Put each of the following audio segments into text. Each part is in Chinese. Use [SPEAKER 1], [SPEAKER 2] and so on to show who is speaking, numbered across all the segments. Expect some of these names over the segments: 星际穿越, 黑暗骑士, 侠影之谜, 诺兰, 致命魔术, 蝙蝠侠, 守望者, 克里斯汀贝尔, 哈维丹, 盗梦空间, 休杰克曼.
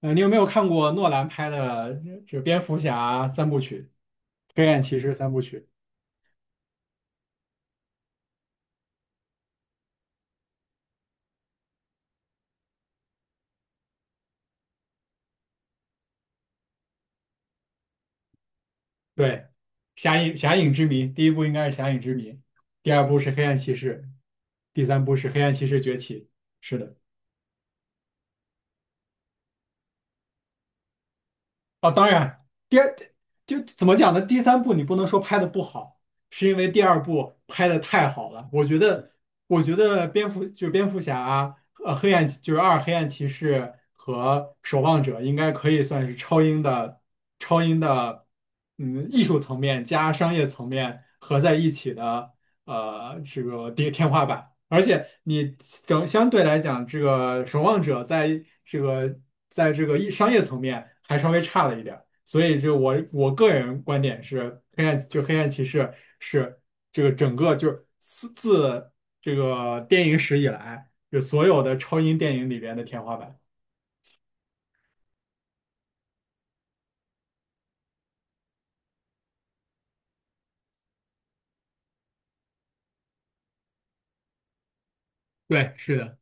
[SPEAKER 1] 你有没有看过诺兰拍的蝙蝠侠三部曲，《黑暗骑士》三部曲？对，《侠影之谜》第一部应该是《侠影之谜》，第二部是《黑暗骑士》，第三部是《黑暗骑士崛起》。是的。啊，当然，第二就怎么讲呢？第三部你不能说拍的不好，是因为第二部拍的太好了。我觉得，我觉得蝙蝠侠啊，黑暗就是黑暗骑士和守望者应该可以算是超英的，嗯，艺术层面加商业层面合在一起的这个跌天花板，而且你相对来讲，这个守望者在这个在这个商业层面还稍微差了一点儿，所以就我个人观点是，黑暗骑士是这个整个就是这个电影史以来，就所有的超英电影里边的天花板。对，是的。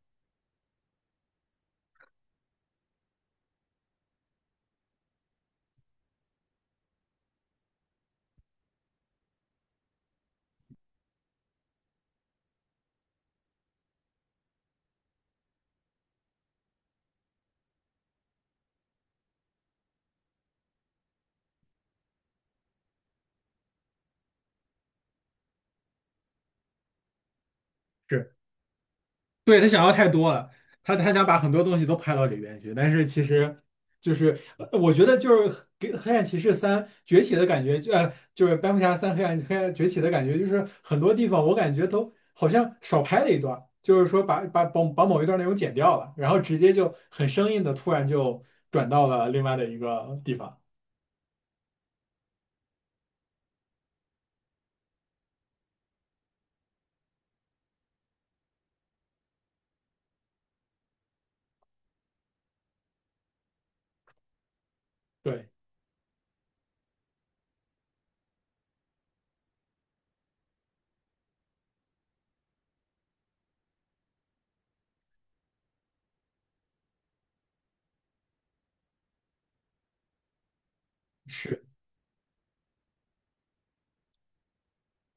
[SPEAKER 1] 是。对，他想要太多了，他想把很多东西都拍到里边去，但是其实就是我觉得就是给《黑暗骑士三》崛起的感觉，就就是《蝙蝠侠三》黑暗崛起的感觉，就是很多地方我感觉都好像少拍了一段，就是说把某一段内容剪掉了，然后直接就很生硬的突然就转到了另外的一个地方。对。是。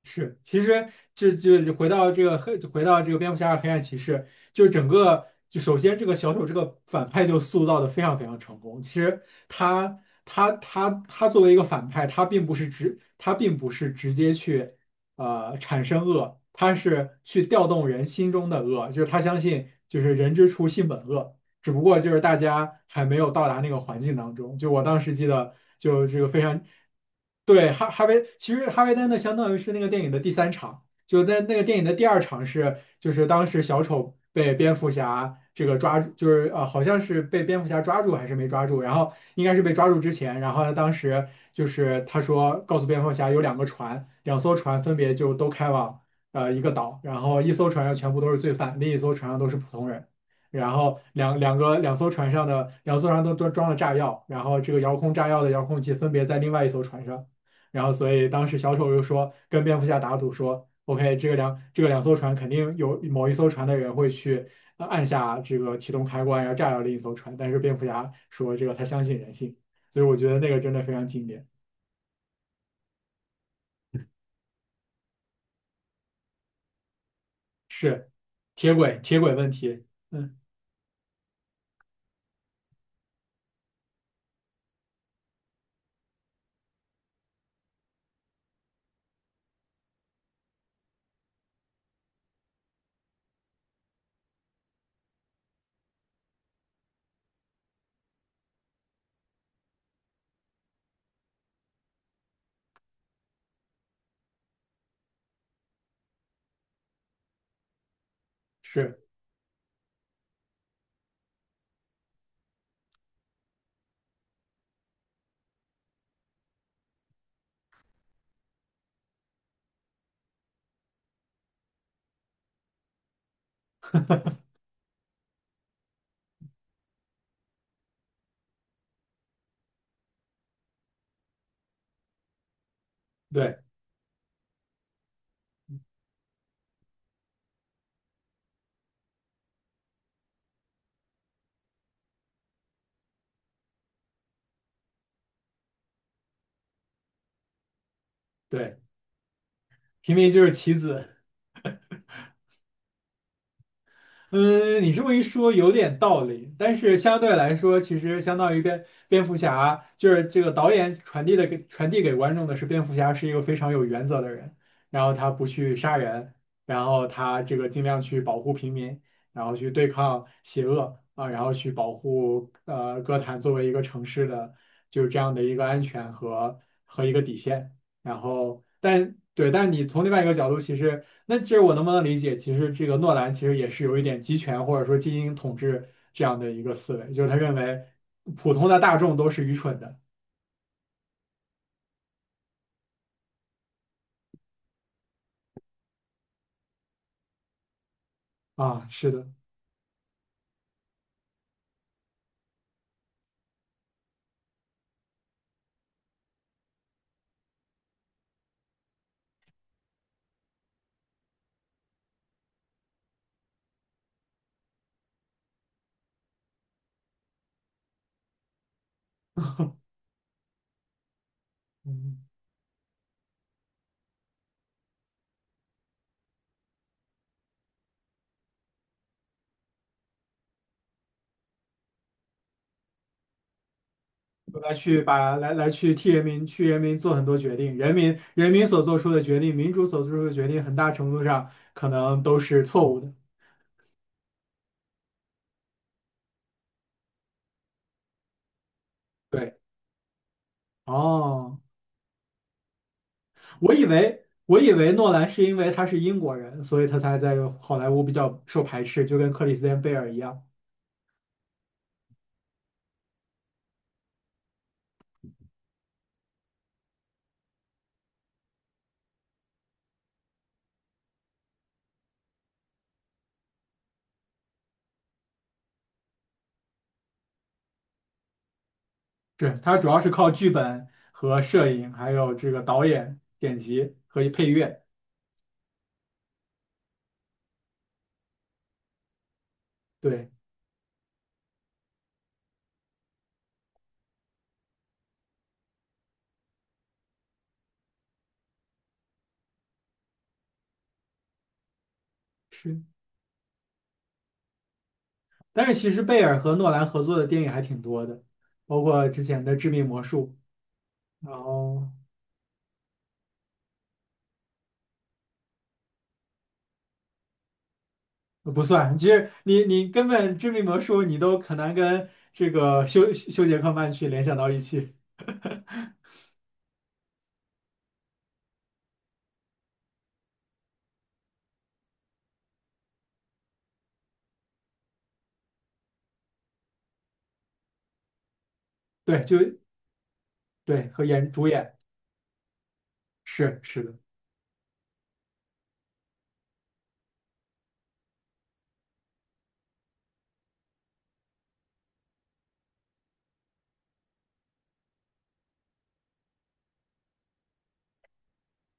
[SPEAKER 1] 是，其实就回到这个黑，回到这个蝙蝠侠二黑暗骑士，就是整个就首先这个小丑这个反派就塑造的非常非常成功。其实他他作为一个反派，他并不是直接去产生恶，他是去调动人心中的恶，就是他相信就是人之初性本恶，只不过就是大家还没有到达那个环境当中。就我当时记得，就这个非常对哈维，其实哈维丹的相当于是那个电影的第三场，就在那个电影的第二场是，就是当时小丑被蝙蝠侠这个抓住，就是呃好像是被蝙蝠侠抓住还是没抓住，然后应该是被抓住之前，然后他当时就是他说告诉蝙蝠侠有两个船，两艘船分别就都开往。呃，一个岛，然后一艘船上全部都是罪犯，另一艘船上都是普通人。然后两艘船上的两艘船都装了炸药，然后这个遥控炸药的遥控器分别在另外一艘船上，然后所以当时小丑又说跟蝙蝠侠打赌说，OK,这个两艘船肯定有某一艘船的人会去按下这个启动开关，然后炸掉另一艘船，但是蝙蝠侠说这个他相信人性，所以我觉得那个真的非常经典，是铁轨问题，嗯，是对对，平民就是棋子，嗯，你这么一说有点道理，但是相对来说，其实相当于蝙蝠侠，就是这个导演传递给观众的是，蝙蝠侠是一个非常有原则的人，然后他不去杀人，然后他这个尽量去保护平民，然后去对抗邪恶啊，然后去保护哥谭作为一个城市的就是这样的一个安全和一个底线，然后但对，但你从另外一个角度，其实。那这我能不能理解？其实这个诺兰其实也是有一点集权或者说精英统治这样的一个思维，就是他认为普通的大众都是愚蠢的啊，是的，嗯，来去把去替人民人民做很多决定，人民所做出的决定，民主所做出的决定，很大程度上可能都是错误的。对，哦，我以为诺兰是因为他是英国人，所以他才在好莱坞比较受排斥，就跟克里斯汀贝尔一样。对它主要是靠剧本和摄影，还有这个导演、剪辑和配乐。对，是。但是其实贝尔和诺兰合作的电影还挺多的，包括之前的《致命魔术》，然后不算，其实你你根本《致命魔术》你都很难跟这个休杰克曼去联想到一起。对，就对，和演主演是是的。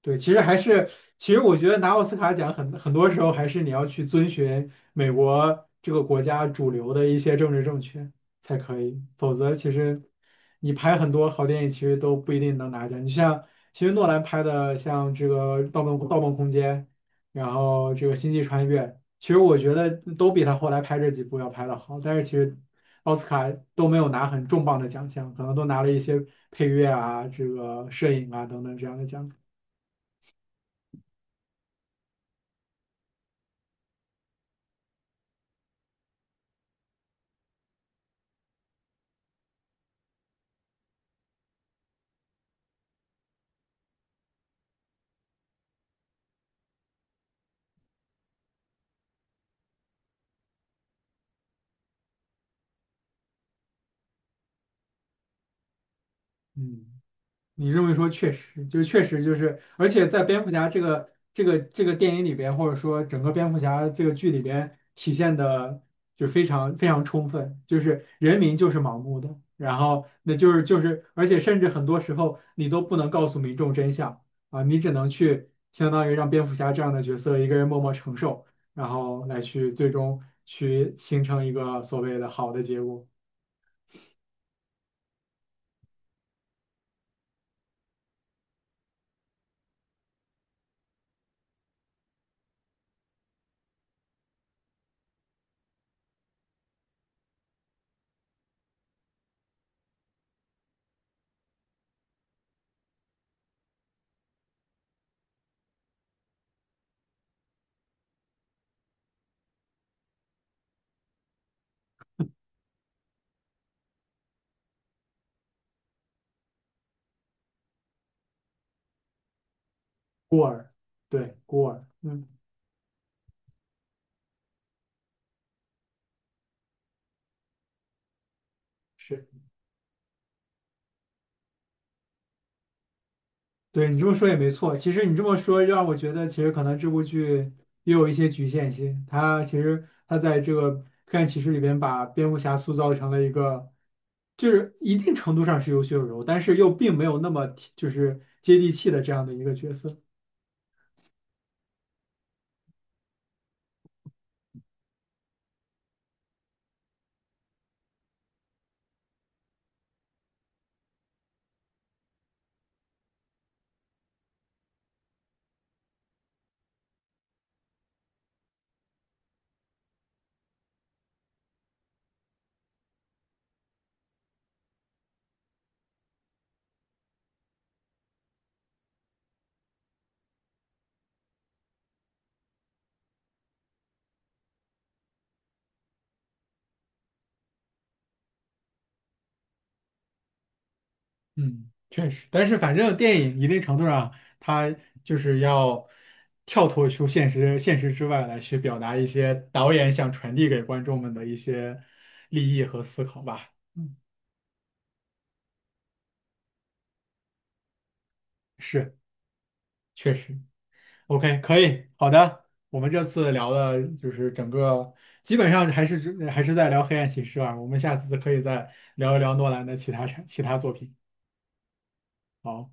[SPEAKER 1] 对，其实还是，其实我觉得拿奥斯卡奖很多时候还是你要去遵循美国这个国家主流的一些政治正确才可以，否则其实你拍很多好电影其实都不一定能拿奖。你像其实诺兰拍的像这个盗梦空间》，然后这个《星际穿越》，其实我觉得都比他后来拍这几部要拍的好，但是其实奥斯卡都没有拿很重磅的奖项，可能都拿了一些配乐啊、这个摄影啊等等这样的奖项。嗯，你这么一说，确实，就确实就是，而且在蝙蝠侠这个这个电影里边，或者说整个蝙蝠侠这个剧里边，体现的就非常非常充分，就是人民就是盲目的，然后那就是，而且甚至很多时候你都不能告诉民众真相啊，你只能去相当于让蝙蝠侠这样的角色一个人默默承受，然后来去最终去形成一个所谓的好的结果，孤儿，对，孤儿，嗯。是。对你这么说也没错，其实你这么说让我觉得，其实可能这部剧也有一些局限性。它其实它在这个黑暗骑士里边把蝙蝠侠塑造成了一个，就是一定程度上是有血有肉，但是又并没有那么贴就是接地气的这样的一个角色。嗯，确实，但是反正电影一定程度上，它就是要跳脱出现实之外来去表达一些导演想传递给观众们的一些利益和思考吧。嗯，是。确实，OK,可以，好的。我们这次聊的就是整个，基本上还是只还是在聊《黑暗骑士啊。我们下次可以再聊一聊诺兰的其他作品。好。